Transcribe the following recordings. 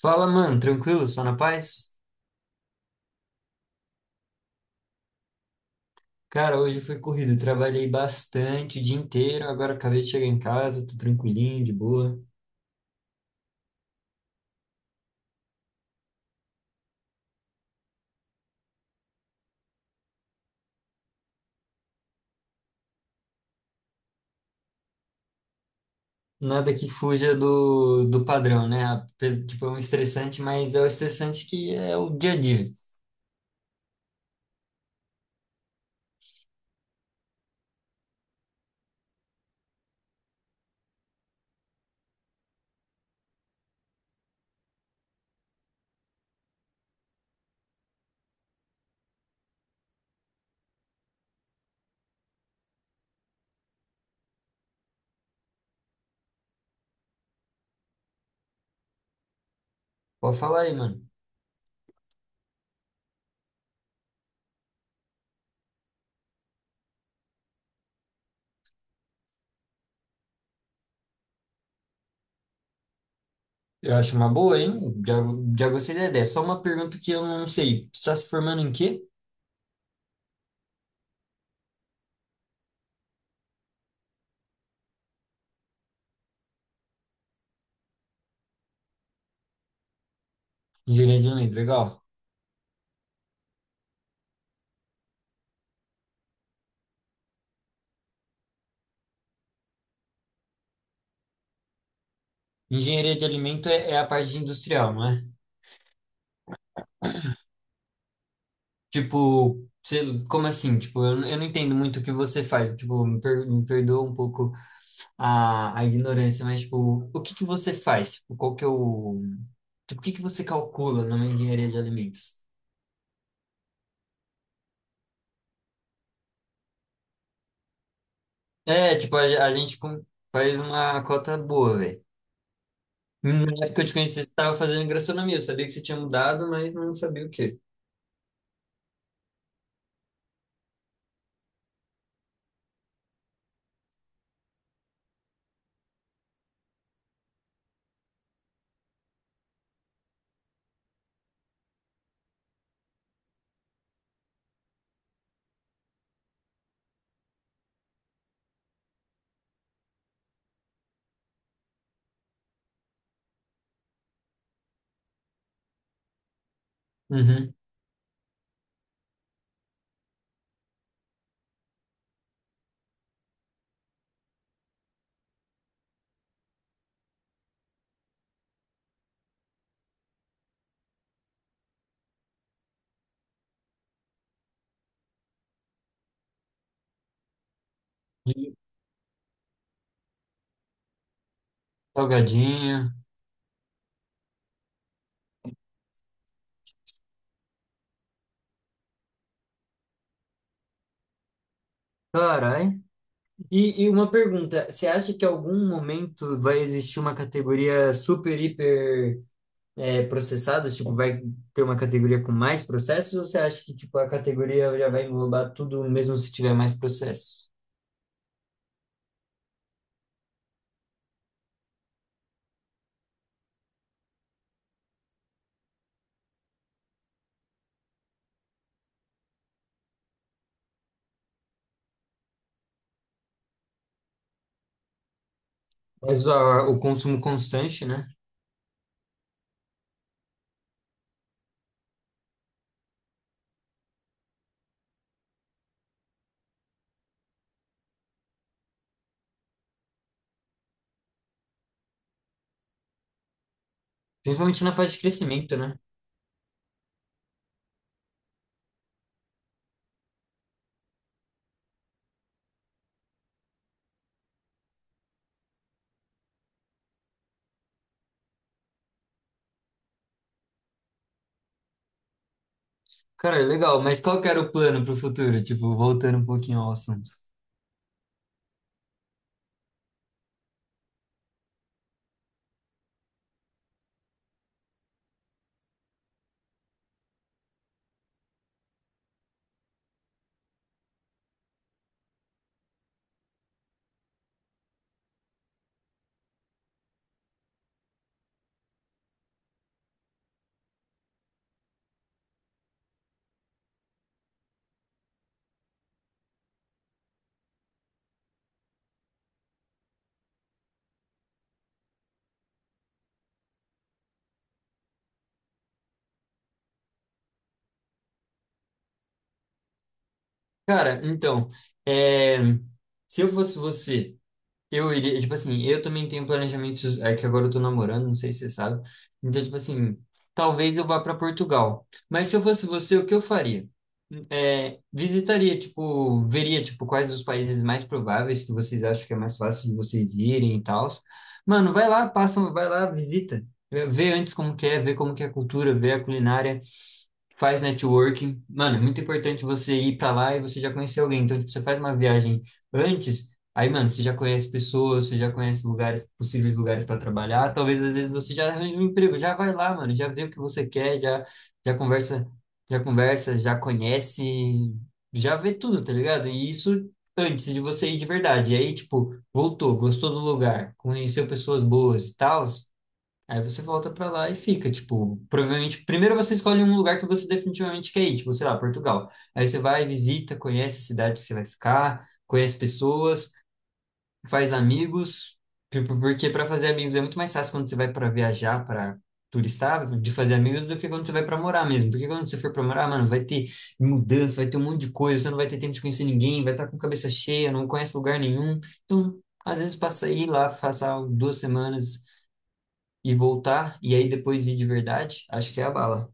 Fala, mano, tranquilo? Só na paz? Cara, hoje foi corrido, trabalhei bastante o dia inteiro, agora acabei de chegar em casa, tô tranquilinho, de boa. Nada que fuja do padrão, né? Tipo, é um estressante, mas é o estressante que é o dia a dia. Pode falar aí, mano. Eu acho uma boa, hein? Já, já gostei da ideia. Só uma pergunta que eu não sei. Você tá se formando em quê? Engenharia de alimento, legal. Engenharia de alimento é a parte industrial, não é? Tipo, como assim? Tipo, eu não entendo muito o que você faz. Tipo, me perdoa um pouco a ignorância, mas, tipo, o que que você faz? Tipo, qual que é o... Tipo, o que que você calcula numa engenharia de alimentos? É, tipo, a gente faz uma cota boa, velho. Na época que eu te conheci, você estava fazendo gastronomia. Eu sabia que você tinha mudado, mas não sabia o quê. Uhum. Salgadinha. Carai. E uma pergunta, você acha que em algum momento vai existir uma categoria super, hiper processados? Tipo, vai ter uma categoria com mais processos? Ou você acha que tipo, a categoria já vai englobar tudo mesmo se tiver mais processos? Mas o consumo constante, né? Principalmente na fase de crescimento, né? Cara, legal. Mas qual que era o plano para o futuro? Tipo, voltando um pouquinho ao assunto. Cara, então, é, se eu fosse você, eu iria, tipo assim, eu também tenho planejamentos, é que agora eu tô namorando, não sei se você sabe. Então, tipo assim, talvez eu vá para Portugal. Mas se eu fosse você, o que eu faria? É, visitaria, tipo, veria, tipo, quais os países mais prováveis que vocês acham que é mais fácil de vocês irem e tal. Mano, vai lá, passa, vai lá, visita. Vê antes como que é, vê como que é a cultura, vê a culinária faz networking. Mano, é muito importante você ir para lá e você já conhecer alguém. Então, tipo, você faz uma viagem antes, aí, mano, você já conhece pessoas, você já conhece lugares, possíveis lugares para trabalhar. Talvez às vezes você já arranje um emprego, já vai lá, mano, já vê o que você quer, já conversa, já conversa, já conhece, já vê tudo, tá ligado? E isso antes de você ir de verdade. E aí, tipo, voltou, gostou do lugar, conheceu pessoas boas e tal, aí você volta pra lá e fica, tipo, provavelmente, primeiro você escolhe um lugar que você definitivamente quer ir, tipo, sei lá, Portugal. Aí você vai, visita, conhece a cidade que você vai ficar, conhece pessoas, faz amigos, tipo, porque para fazer amigos é muito mais fácil quando você vai para viajar, para turistar, de fazer amigos do que quando você vai para morar mesmo. Porque quando você for para morar, mano, vai ter mudança, vai ter um monte de coisa, você não vai ter tempo de conhecer ninguém, vai estar com cabeça cheia, não conhece lugar nenhum. Então, às vezes passa aí lá, passar duas semanas e voltar, e aí depois ir de verdade, acho que é a bala.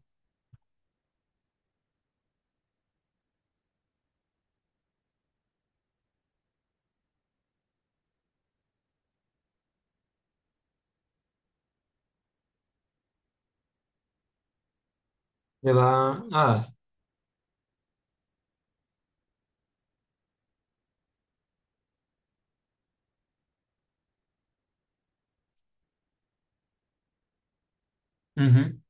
Levar. Ah, uhum,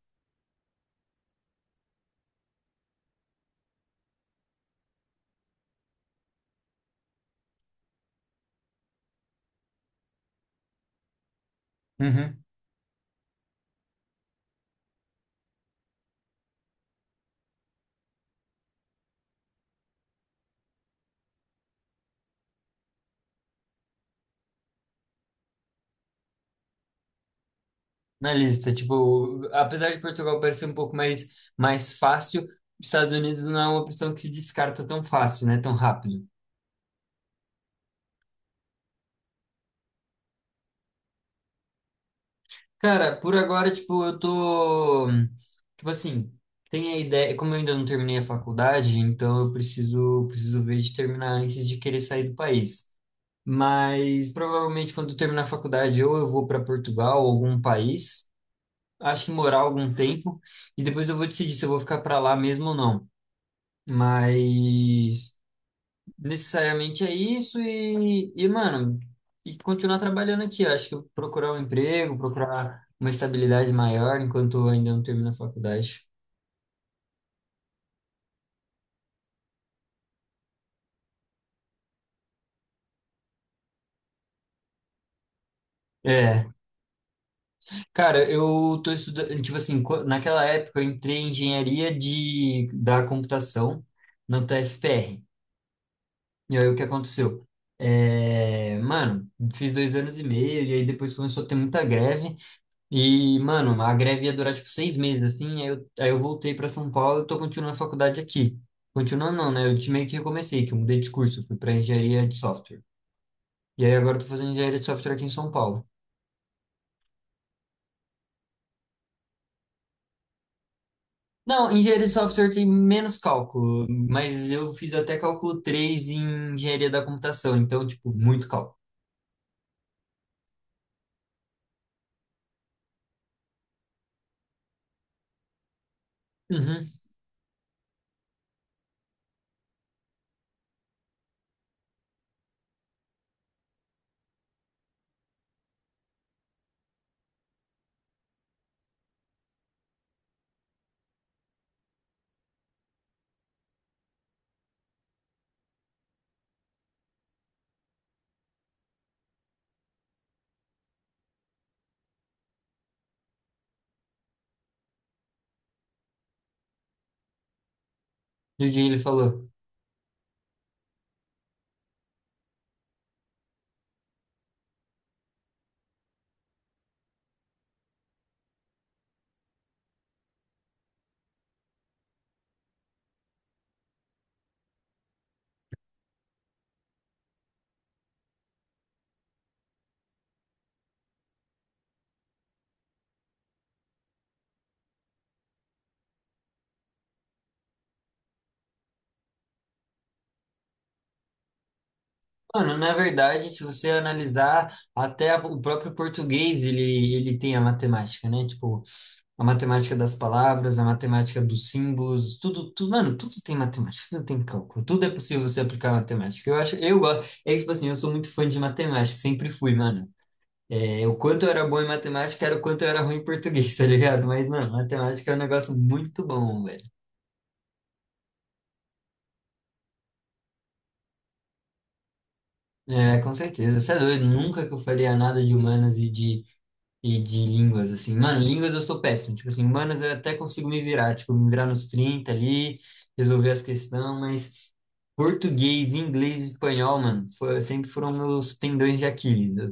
uhum. Na lista, tipo, apesar de Portugal parecer um pouco mais, mais fácil, Estados Unidos não é uma opção que se descarta tão fácil, né? Tão rápido. Cara, por agora, tipo, eu tô. Tipo assim, tem a ideia. Como eu ainda não terminei a faculdade, então preciso ver de terminar antes de querer sair do país. Mas provavelmente quando eu terminar a faculdade, ou eu vou para Portugal, ou algum país, acho que morar algum tempo e depois eu vou decidir se eu vou ficar para lá mesmo ou não. Mas necessariamente é isso e mano, e continuar trabalhando aqui. Eu acho que eu procurar um emprego, procurar uma estabilidade maior enquanto eu ainda não termino a faculdade. É, cara, eu tô estudando, tipo assim, naquela época eu entrei em engenharia da computação na UTFPR. E aí o que aconteceu? É, mano, fiz dois anos e meio, e aí depois começou a ter muita greve, e, mano, a greve ia durar tipo seis meses, assim, aí eu voltei para São Paulo e tô continuando a faculdade aqui. Continuando não, né? Meio que recomecei, que eu mudei de curso, fui para engenharia de software. E aí agora eu tô fazendo engenharia de software aqui em São Paulo. Não, engenharia de software tem menos cálculo, mas eu fiz até cálculo 3 em engenharia da computação, então, tipo, muito cálculo. Uhum. E o que ele falou? Mano, na verdade, se você analisar, até o próprio português, ele tem a matemática, né? Tipo, a matemática das palavras, a matemática dos símbolos, tudo, tudo, mano, tudo tem matemática, tudo tem cálculo, tudo é possível você aplicar matemática. Eu acho, eu gosto, é tipo assim, eu sou muito fã de matemática, sempre fui, mano. É, o quanto eu era bom em matemática era o quanto eu era ruim em português, tá ligado? Mas, mano, matemática é um negócio muito bom, velho. É, com certeza. Você é doido, nunca que eu faria nada de humanas e de e de línguas, assim. Mano, línguas eu sou péssimo. Tipo assim, humanas eu até consigo me virar. Tipo, me virar nos 30 ali, resolver as questões, mas português, inglês e espanhol, mano, sempre foram meus tendões de Aquiles. Eu-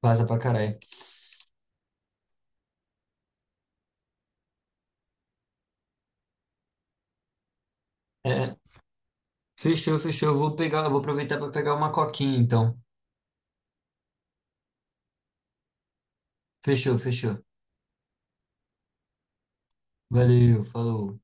Passa pra caralho. É, fechou. Eu vou pegar, eu vou aproveitar pra pegar uma coquinha, então. Fechou. Valeu, falou.